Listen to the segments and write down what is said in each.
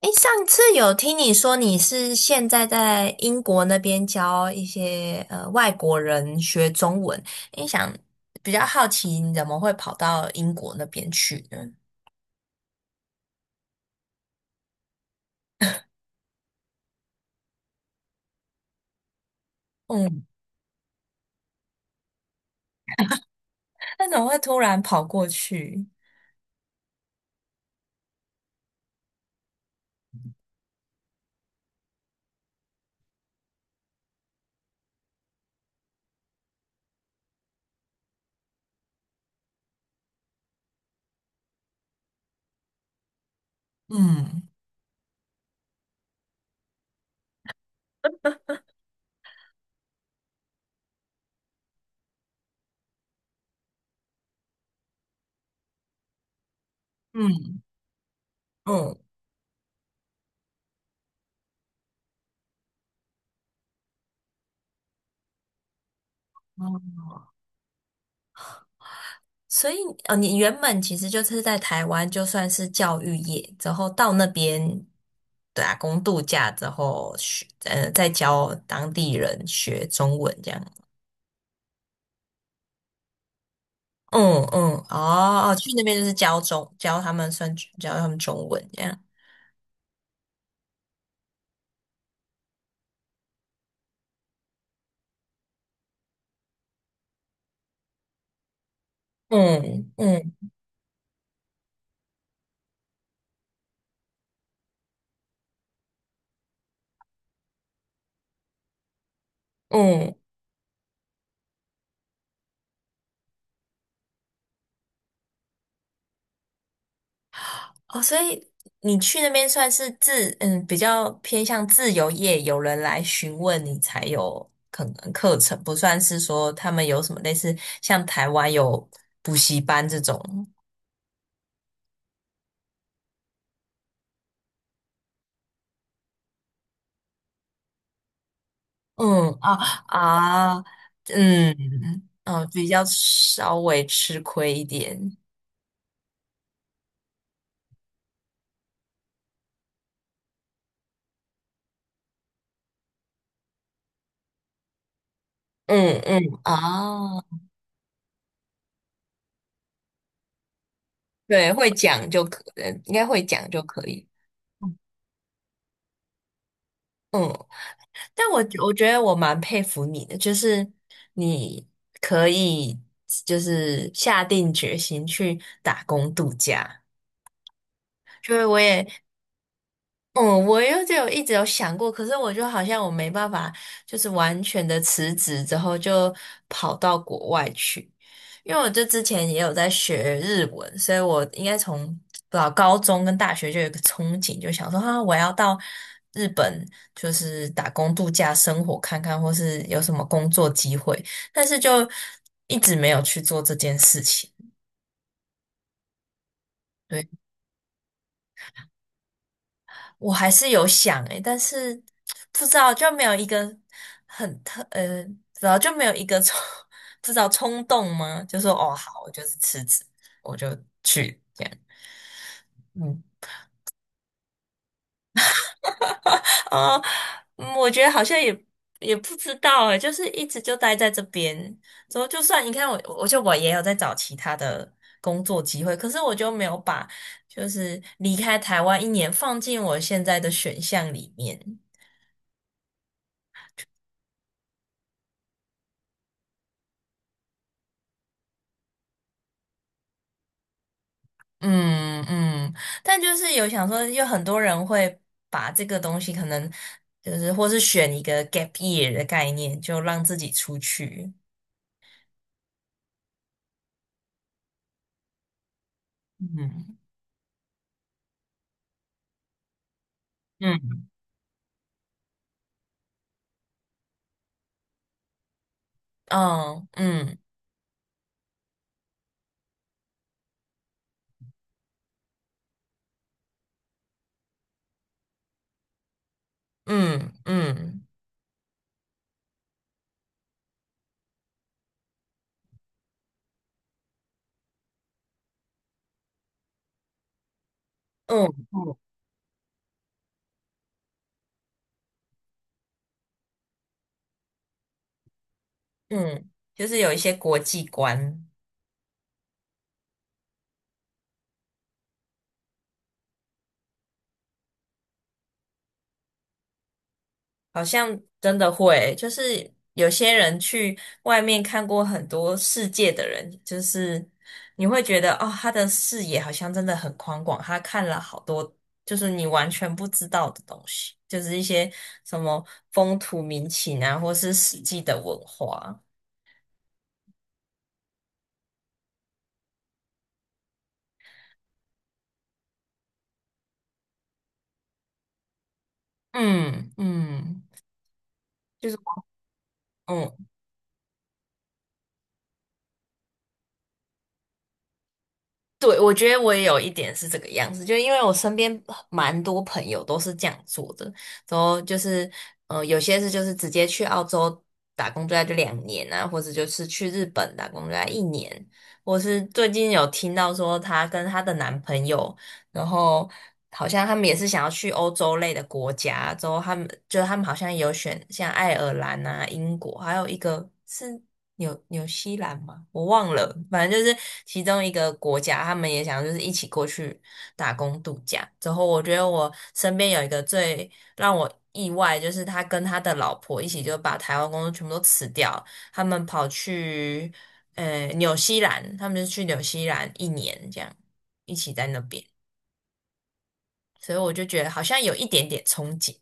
诶，上次有听你说你是现在在英国那边教一些外国人学中文，你想比较好奇你怎么会跑到英国那边去呢？嗯 那怎么会突然跑过去？嗯嗯嗯，嗯，所以你原本其实就是在台湾，就算是教育业，之后到那边打工度假之后学，再教当地人学中文这样。嗯嗯，哦哦，去那边就是教中教他们算教他们中文这样。嗯嗯嗯，哦，所以你去那边算是比较偏向自由业，有人来询问你才有可能课程，不算是说他们有什么类似像台湾有补习班这种。嗯啊啊，嗯嗯，比较稍微吃亏一点。嗯嗯，啊。对，会讲就可，呃应该会讲就可以。嗯，但我觉得我蛮佩服你的，就是你可以就是下定决心去打工度假。就是我也嗯，我又就有一直有想过，可是我就好像我没办法，就是完全的辞职之后就跑到国外去，因为我就之前也有在学日文，所以我应该从高中跟大学就有一个憧憬，就想说啊，我要到日本就是打工度假生活看看，或是有什么工作机会，但是就一直没有去做这件事情。对。我还是有想诶，但是不知道就没有一个很特呃，不知道就没有一个冲，不知道冲动吗？就说哦好，我就是辞职，我就去。嗯，啊，嗯我觉得好像也不知道诶，就是一直就待在这边，之后就算你看我，我也有在找其他的工作机会，可是我就没有把就是离开台湾一年放进我现在的选项里面。嗯嗯，但就是有想说，有很多人会把这个东西可能就是或是选一个 gap year 的概念，就让自己出去。嗯嗯嗯嗯嗯嗯嗯嗯，就是有一些国际观。好像真的会，就是有些人去外面看过很多世界的人，就是你会觉得哦，他的视野好像真的很宽广，他看了好多就是你完全不知道的东西，就是一些什么风土民情啊，或是史记的文化。嗯嗯，就是嗯。对，我觉得我也有一点是这个样子，就因为我身边蛮多朋友都是这样做的，然后就是，有些是就是直接去澳洲打工度假就两年啊，或者就是去日本打工度假一年，我是最近有听到说她跟她的男朋友，然后好像他们也是想要去欧洲类的国家，之后他们好像有选像爱尔兰啊、英国，还有一个是。纽西兰吗？我忘了，反正就是其中一个国家，他们也想就是一起过去打工度假。之后我觉得我身边有一个最让我意外，就是他跟他的老婆一起就把台湾工作全部都辞掉，他们跑去纽西兰，他们就去纽西兰一年这样，一起在那边，所以我就觉得好像有一点点憧憬。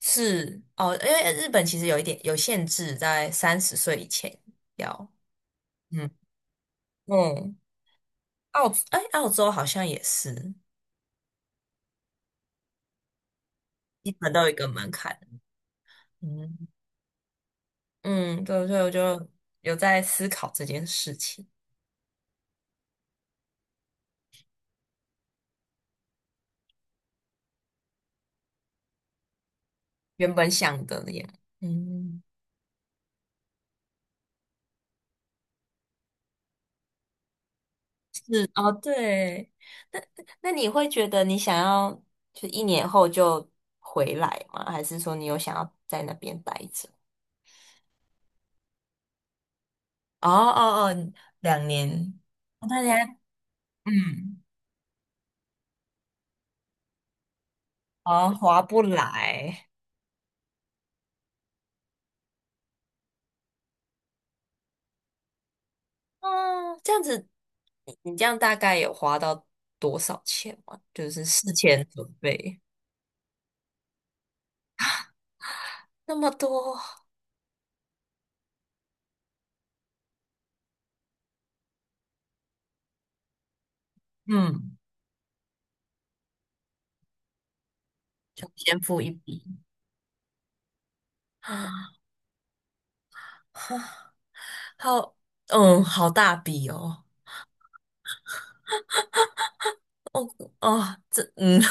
是哦，因为日本其实有一点有限制，在三十岁以前要。嗯嗯，哎，澳洲好像也是，一本都有一个门槛。嗯嗯，对，所以我就有在思考这件事情，原本想的那样。嗯，哦，对，那那你会觉得你想要就一年后就回来吗？还是说你有想要在那边待着？哦哦哦，两年，哦大家嗯，哦，划不来。嗯，这样子，你这样大概有花到多少钱吗？就是事前准备那么多，嗯，就先付一笔。哈，好，嗯，好大笔哦，哦，这，嗯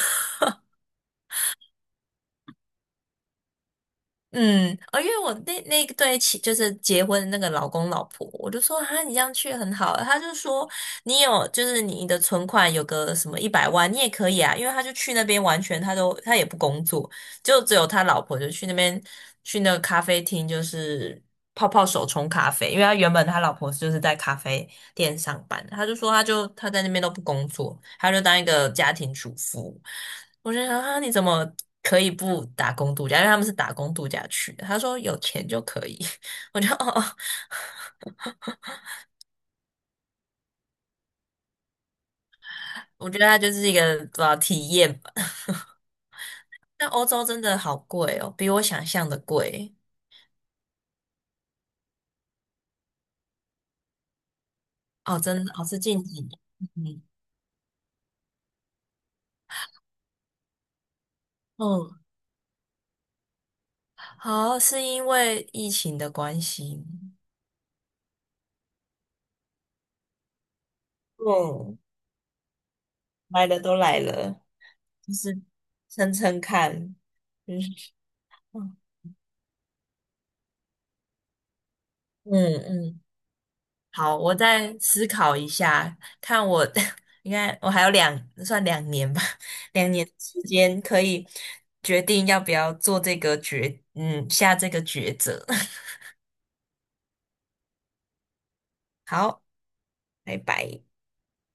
嗯，哦，因为我那个对起就是结婚的那个老公老婆，我就说哈，你这样去很好，他就说你有就是你的存款有个什么100万，你也可以啊，因为他就去那边完全他也不工作，就只有他老婆就去那边去那个咖啡厅，就是泡泡手冲咖啡，因为他原本他老婆就是在咖啡店上班，他就说他在那边都不工作，他就当一个家庭主妇。我就想啊，你怎么可以不打工度假？因为他们是打工度假去的。他说有钱就可以，我就哦，哦 我觉得他就是一个体验吧。但欧洲真的好贵哦，比我想象的贵哦，真的哦，是近几年，嗯。嗯好，是因为疫情的关系。嗯，来了都来了，就是撑撑看。嗯嗯 嗯，嗯，好，我再思考一下，看我 应该我还有算两年吧，两年时间可以决定要不要做这个决，嗯，下这个抉择。好，拜拜。